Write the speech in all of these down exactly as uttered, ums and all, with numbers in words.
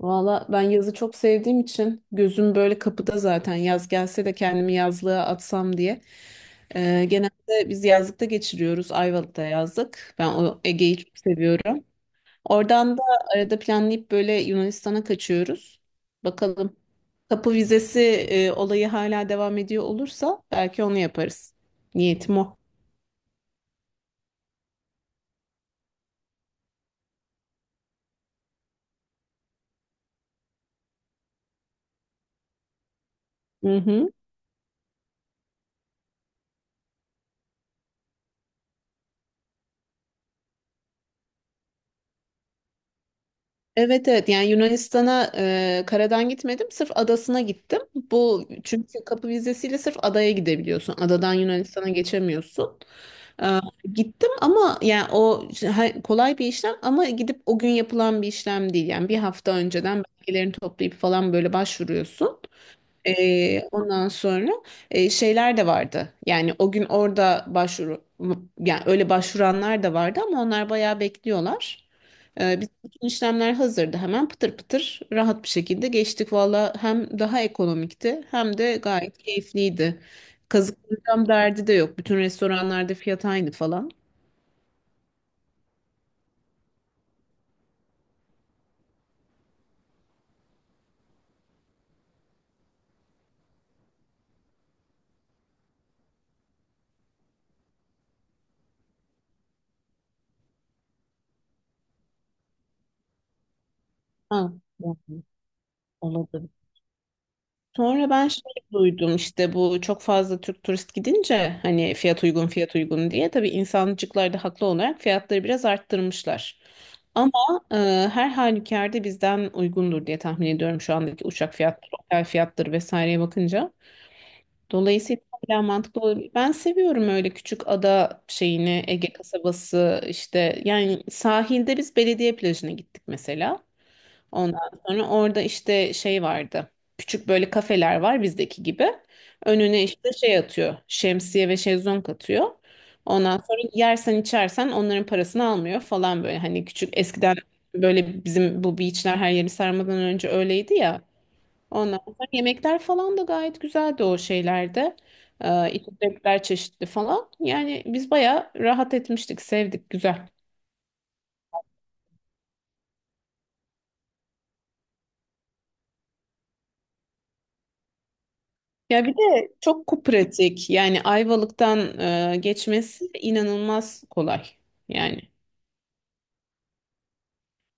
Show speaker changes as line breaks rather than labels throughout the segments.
Valla ben yazı çok sevdiğim için gözüm böyle kapıda zaten yaz gelse de kendimi yazlığa atsam diye. Ee, genelde biz yazlıkta geçiriyoruz. Ayvalık'ta yazlık. Ben o Ege'yi çok seviyorum. Oradan da arada planlayıp böyle Yunanistan'a kaçıyoruz. Bakalım. Kapı vizesi e, olayı hala devam ediyor olursa belki onu yaparız. Niyetim o. Hı hı. Evet, evet, yani Yunanistan'a e, karadan gitmedim, sırf adasına gittim. Bu çünkü kapı vizesiyle sırf adaya gidebiliyorsun. Adadan Yunanistan'a geçemiyorsun. E, Gittim ama yani o işte, ha- kolay bir işlem ama gidip o gün yapılan bir işlem değil. Yani bir hafta önceden belgelerini toplayıp falan böyle başvuruyorsun. Ee, ondan sonra e, şeyler de vardı. Yani o gün orada başvuru, yani öyle başvuranlar da vardı ama onlar bayağı bekliyorlar. Ee, biz bütün işlemler hazırdı. Hemen pıtır pıtır rahat bir şekilde geçtik. Valla hem daha ekonomikti hem de gayet keyifliydi. Kazıklayacağım derdi de yok. Bütün restoranlarda fiyat aynı falan. Ha, yani olabilir. Sonra ben şey duydum, işte bu çok fazla Türk turist gidince hani fiyat uygun fiyat uygun diye, tabii insancıklar da haklı olarak fiyatları biraz arttırmışlar. Ama e, her halükarda bizden uygundur diye tahmin ediyorum, şu andaki uçak fiyatları, otel fiyatları vesaireye bakınca. Dolayısıyla hala mantıklı olabilir. Ben seviyorum öyle küçük ada şeyini, Ege kasabası işte, yani sahilde biz belediye plajına gittik mesela. Ondan sonra orada işte şey vardı. Küçük böyle kafeler var bizdeki gibi. Önüne işte şey atıyor. Şemsiye ve şezlong atıyor. Ondan sonra yersen içersen onların parasını almıyor falan böyle. Hani küçük eskiden böyle bizim bu beachler her yeri sarmadan önce öyleydi ya. Ondan sonra yemekler falan da gayet güzeldi o şeylerde. Ee, içecekler çeşitli falan. Yani biz bayağı rahat etmiştik, sevdik, güzel. Ya bir de çok pratik. Yani Ayvalık'tan e, geçmesi inanılmaz kolay. Yani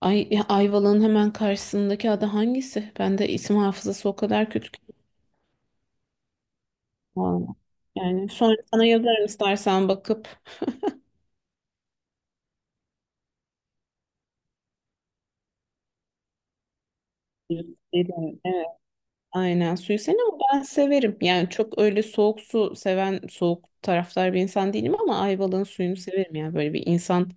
Ay, ya Ayvalık'ın hemen karşısındaki ada hangisi? Ben de isim hafızası o kadar kötü ki. Vallahi. Yani sonra sana yazarım istersen bakıp. Evet. Aynen, suyu sen ama ben severim. Yani çok öyle soğuk su seven, soğuk taraftar bir insan değilim ama Ayvalık'ın suyunu severim. Yani böyle bir insan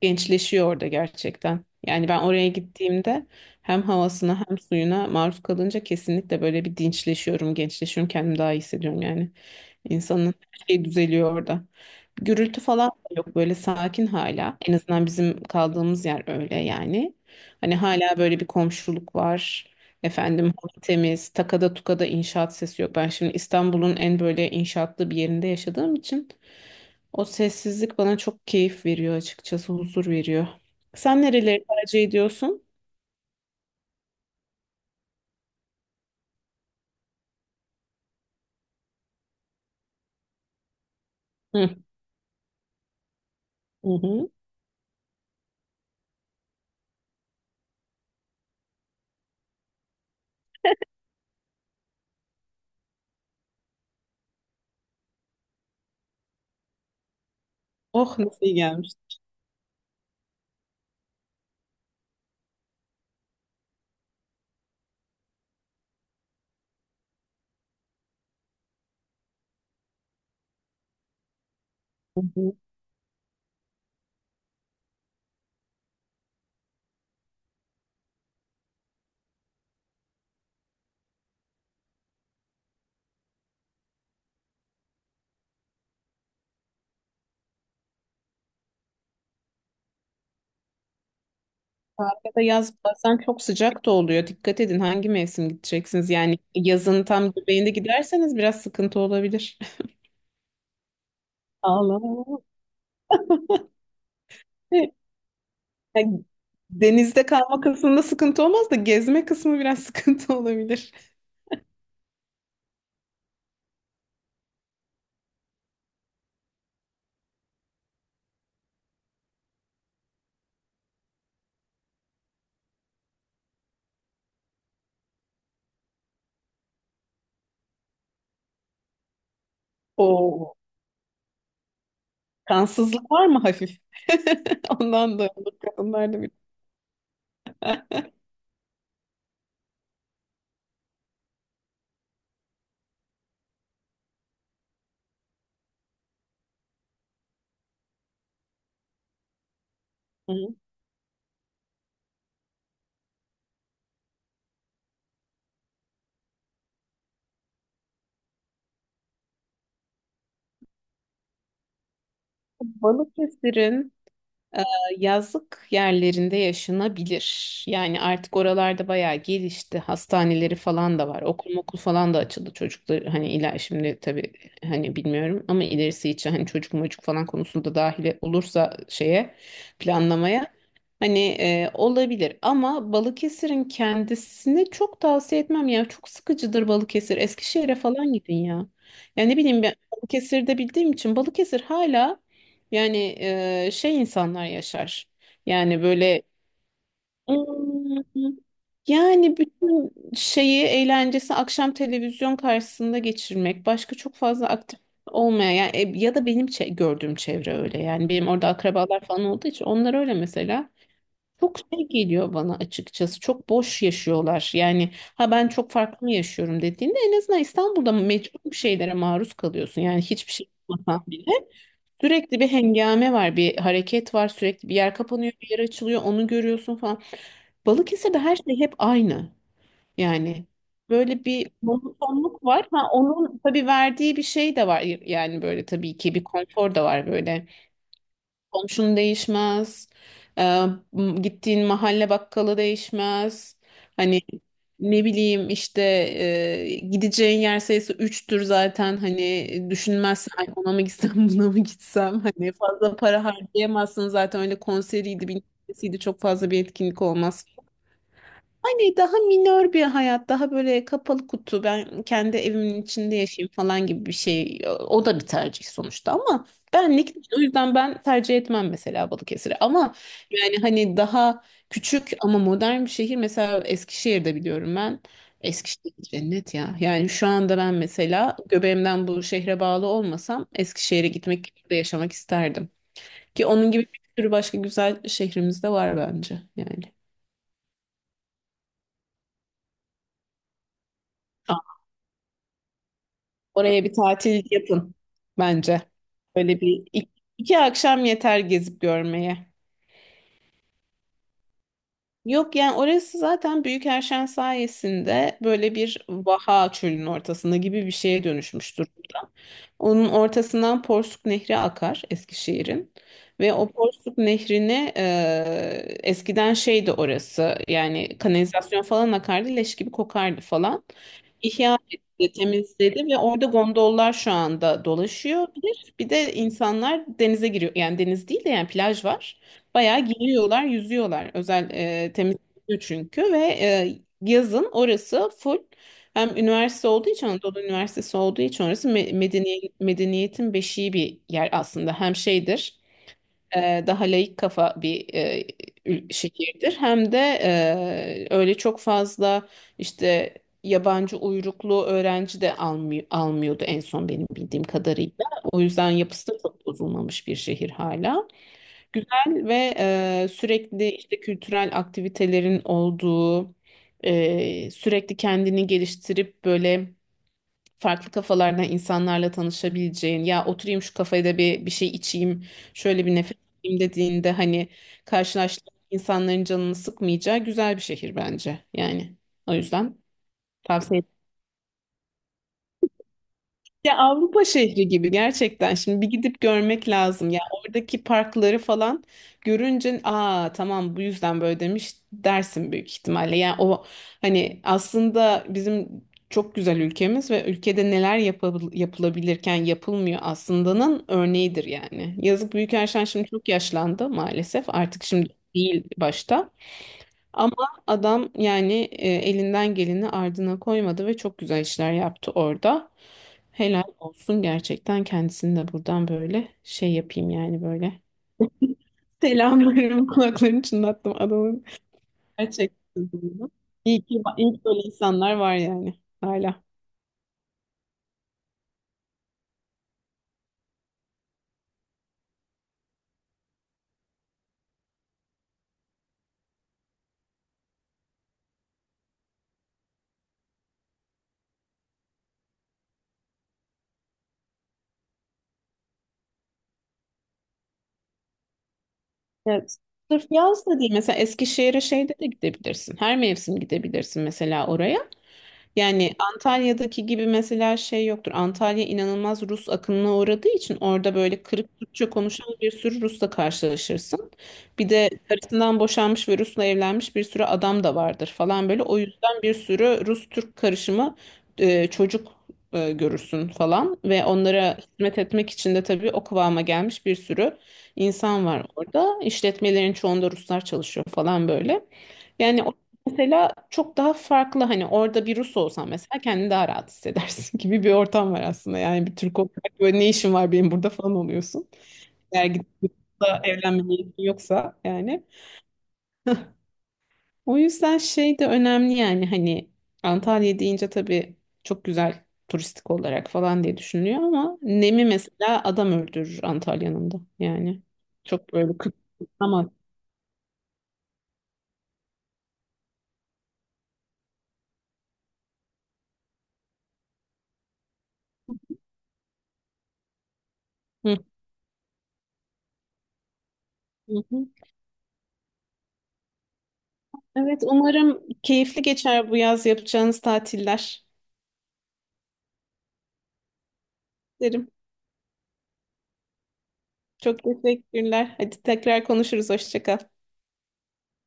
gençleşiyor orada gerçekten. Yani ben oraya gittiğimde hem havasına hem suyuna maruz kalınca kesinlikle böyle bir dinçleşiyorum, gençleşiyorum, kendimi daha iyi hissediyorum yani. İnsanın her şeyi düzeliyor orada. Gürültü falan da yok, böyle sakin hala. En azından bizim kaldığımız yer öyle yani. Hani hala böyle bir komşuluk var. Efendim hava temiz, takada tukada inşaat sesi yok. Ben şimdi İstanbul'un en böyle inşaatlı bir yerinde yaşadığım için o sessizlik bana çok keyif veriyor açıkçası, huzur veriyor. Sen nereleri tercih ediyorsun? Hı hı. hı. Oh, nasıl iyi gelmiş. Hı hı. Arkada yaz bazen çok sıcak da oluyor. Dikkat edin hangi mevsim gideceksiniz. Yani yazın tam göbeğinde giderseniz biraz sıkıntı olabilir. Allah. Yani denizde kalma kısmında sıkıntı olmaz da gezme kısmı biraz sıkıntı olabilir. O, kansızlık var mı hafif? Ondan da olur kadınlarda bir. Hı. Balıkesir'in Ee, yazlık yerlerinde yaşanabilir. Yani artık oralarda bayağı gelişti. Hastaneleri falan da var. Okul okul falan da açıldı çocuklar. Hani ila şimdi tabii, hani bilmiyorum ama ilerisi için hani çocuk mocuk falan konusunda dahil olursa şeye, planlamaya hani e, olabilir. Ama Balıkesir'in kendisini çok tavsiye etmem ya. Çok sıkıcıdır Balıkesir. Eskişehir'e falan gidin ya. Yani ne bileyim, ben Balıkesir'de bildiğim için Balıkesir hala yani eee, şey, insanlar yaşar. Yani böyle "Hmm, yani bütün şeyi, eğlencesi akşam televizyon karşısında geçirmek. Başka çok fazla aktif olmayan yani, e, ya da benim çe- gördüğüm çevre öyle. Yani benim orada akrabalar falan olduğu için onlar öyle mesela. Çok şey geliyor bana açıkçası. Çok boş yaşıyorlar. Yani ha, ben çok farklı mı yaşıyorum dediğinde en azından İstanbul'da mecbur bir şeylere maruz kalıyorsun. Yani hiçbir şey yapmasan bile. Sürekli bir hengame var, bir hareket var, sürekli bir yer kapanıyor, bir yer açılıyor, onu görüyorsun falan. Balıkesir'de her şey hep aynı. Yani böyle bir monotonluk var. Ha, onun tabii verdiği bir şey de var. Yani böyle tabii ki bir konfor da var böyle. Komşun değişmez. Ee, m- Gittiğin mahalle bakkalı değişmez. Hani ne bileyim işte, e, gideceğin yer sayısı üçtür zaten. Hani düşünmezsen "Ay, ona mı gitsem buna mı gitsem". Hani fazla para harcayamazsın zaten, öyle konseriydi bilmem nesiydi, çok fazla bir etkinlik olmaz yani. Daha minör bir hayat, daha böyle kapalı kutu, ben kendi evimin içinde yaşayayım falan gibi bir şey. O da bir tercih sonuçta ama benlik. değil. O yüzden ben tercih etmem mesela Balıkesir'i. Ama yani hani daha küçük ama modern bir şehir. Mesela Eskişehir'de biliyorum ben. Eskişehir cennet ya. Yani şu anda ben mesela göbeğimden bu şehre bağlı olmasam Eskişehir'e gitmek, burada yaşamak isterdim. Ki onun gibi bir sürü başka güzel şehrimiz de var bence yani. Oraya bir tatil yapın bence. Böyle bir iki, iki akşam yeter gezip görmeye. Yok yani, orası zaten Büyükerşen sayesinde böyle bir vaha, çölün ortasında gibi bir şeye dönüşmüş durumda. Onun ortasından Porsuk Nehri akar Eskişehir'in, ve o Porsuk Nehri'ni e, eskiden şeydi orası, yani kanalizasyon falan akardı, leş gibi kokardı falan. İhya etti, temizledi ve orada gondollar şu anda dolaşıyor. Bir, bir de insanlar denize giriyor. Yani deniz değil de yani plaj var. Bayağı giriyorlar, yüzüyorlar. Özel e, temizliyor çünkü, ve e, yazın orası full, hem üniversite olduğu için, Anadolu Üniversitesi olduğu için orası me- medeni, medeniyetin beşiği bir yer aslında. Hem şeydir, e, daha laik kafa bir e, ül- şehirdir. Hem de e, öyle çok fazla işte yabancı uyruklu öğrenci de almıyor, almıyordu en son benim bildiğim kadarıyla. O yüzden yapısı da çok bozulmamış bir şehir hala. Güzel ve e, sürekli işte kültürel aktivitelerin olduğu, e, sürekli kendini geliştirip böyle farklı kafalardan insanlarla tanışabileceğin. Ya, oturayım şu kafede bir bir şey içeyim, şöyle bir nefes alayım dediğinde hani karşılaştığın insanların canını sıkmayacağı güzel bir şehir bence yani, o yüzden tavsiye... Ya Avrupa şehri gibi gerçekten. Şimdi bir gidip görmek lazım. Ya oradaki parkları falan görünce, aa tamam, bu yüzden böyle demiş dersin büyük ihtimalle. Yani o hani aslında bizim çok güzel ülkemiz ve ülkede neler yapabil- yapılabilirken yapılmıyor aslında'nın örneğidir yani. Yazık, Büyükelçen şimdi çok yaşlandı maalesef. Artık şimdi değil başta. Ama adam yani, e, elinden geleni ardına koymadı ve çok güzel işler yaptı orada. Helal olsun gerçekten, kendisini de buradan böyle şey yapayım yani böyle. Selamlarım, kulaklarını çınlattım adamın gerçekten. İyi ki, iyi ki böyle insanlar var yani hala. Evet. Sırf yaz da değil. Mesela Eskişehir'e şeyde de gidebilirsin. Her mevsim gidebilirsin mesela oraya. Yani Antalya'daki gibi mesela şey yoktur. Antalya inanılmaz Rus akınına uğradığı için orada böyle kırık Türkçe konuşan bir sürü Rus'la karşılaşırsın. Bir de karısından boşanmış ve Rus'la evlenmiş bir sürü adam da vardır falan böyle. O yüzden bir sürü Rus-Türk karışımı e, çocuk e, görürsün falan, ve onlara hizmet etmek için de tabii o kıvama gelmiş bir sürü insan var orada. İşletmelerin çoğunda Ruslar çalışıyor falan böyle. Yani, Mesela çok daha farklı, hani orada bir Rus olsan mesela kendini daha rahat hissedersin gibi bir ortam var aslında. Yani bir Türk olarak böyle, ne işin var benim burada falan oluyorsun. Eğer gidip Rus'la evlenme niyetin yoksa yani. O yüzden şey de önemli yani, hani Antalya deyince tabii çok güzel, turistik olarak falan diye düşünülüyor ama Nemi mesela adam öldürür Antalya'nın da yani. Çok böyle kıt ama. Hı, hı, hı. Evet, umarım keyifli geçer bu yaz yapacağınız tatiller. Derim. Çok teşekkürler. Hadi tekrar konuşuruz. Hoşça kal.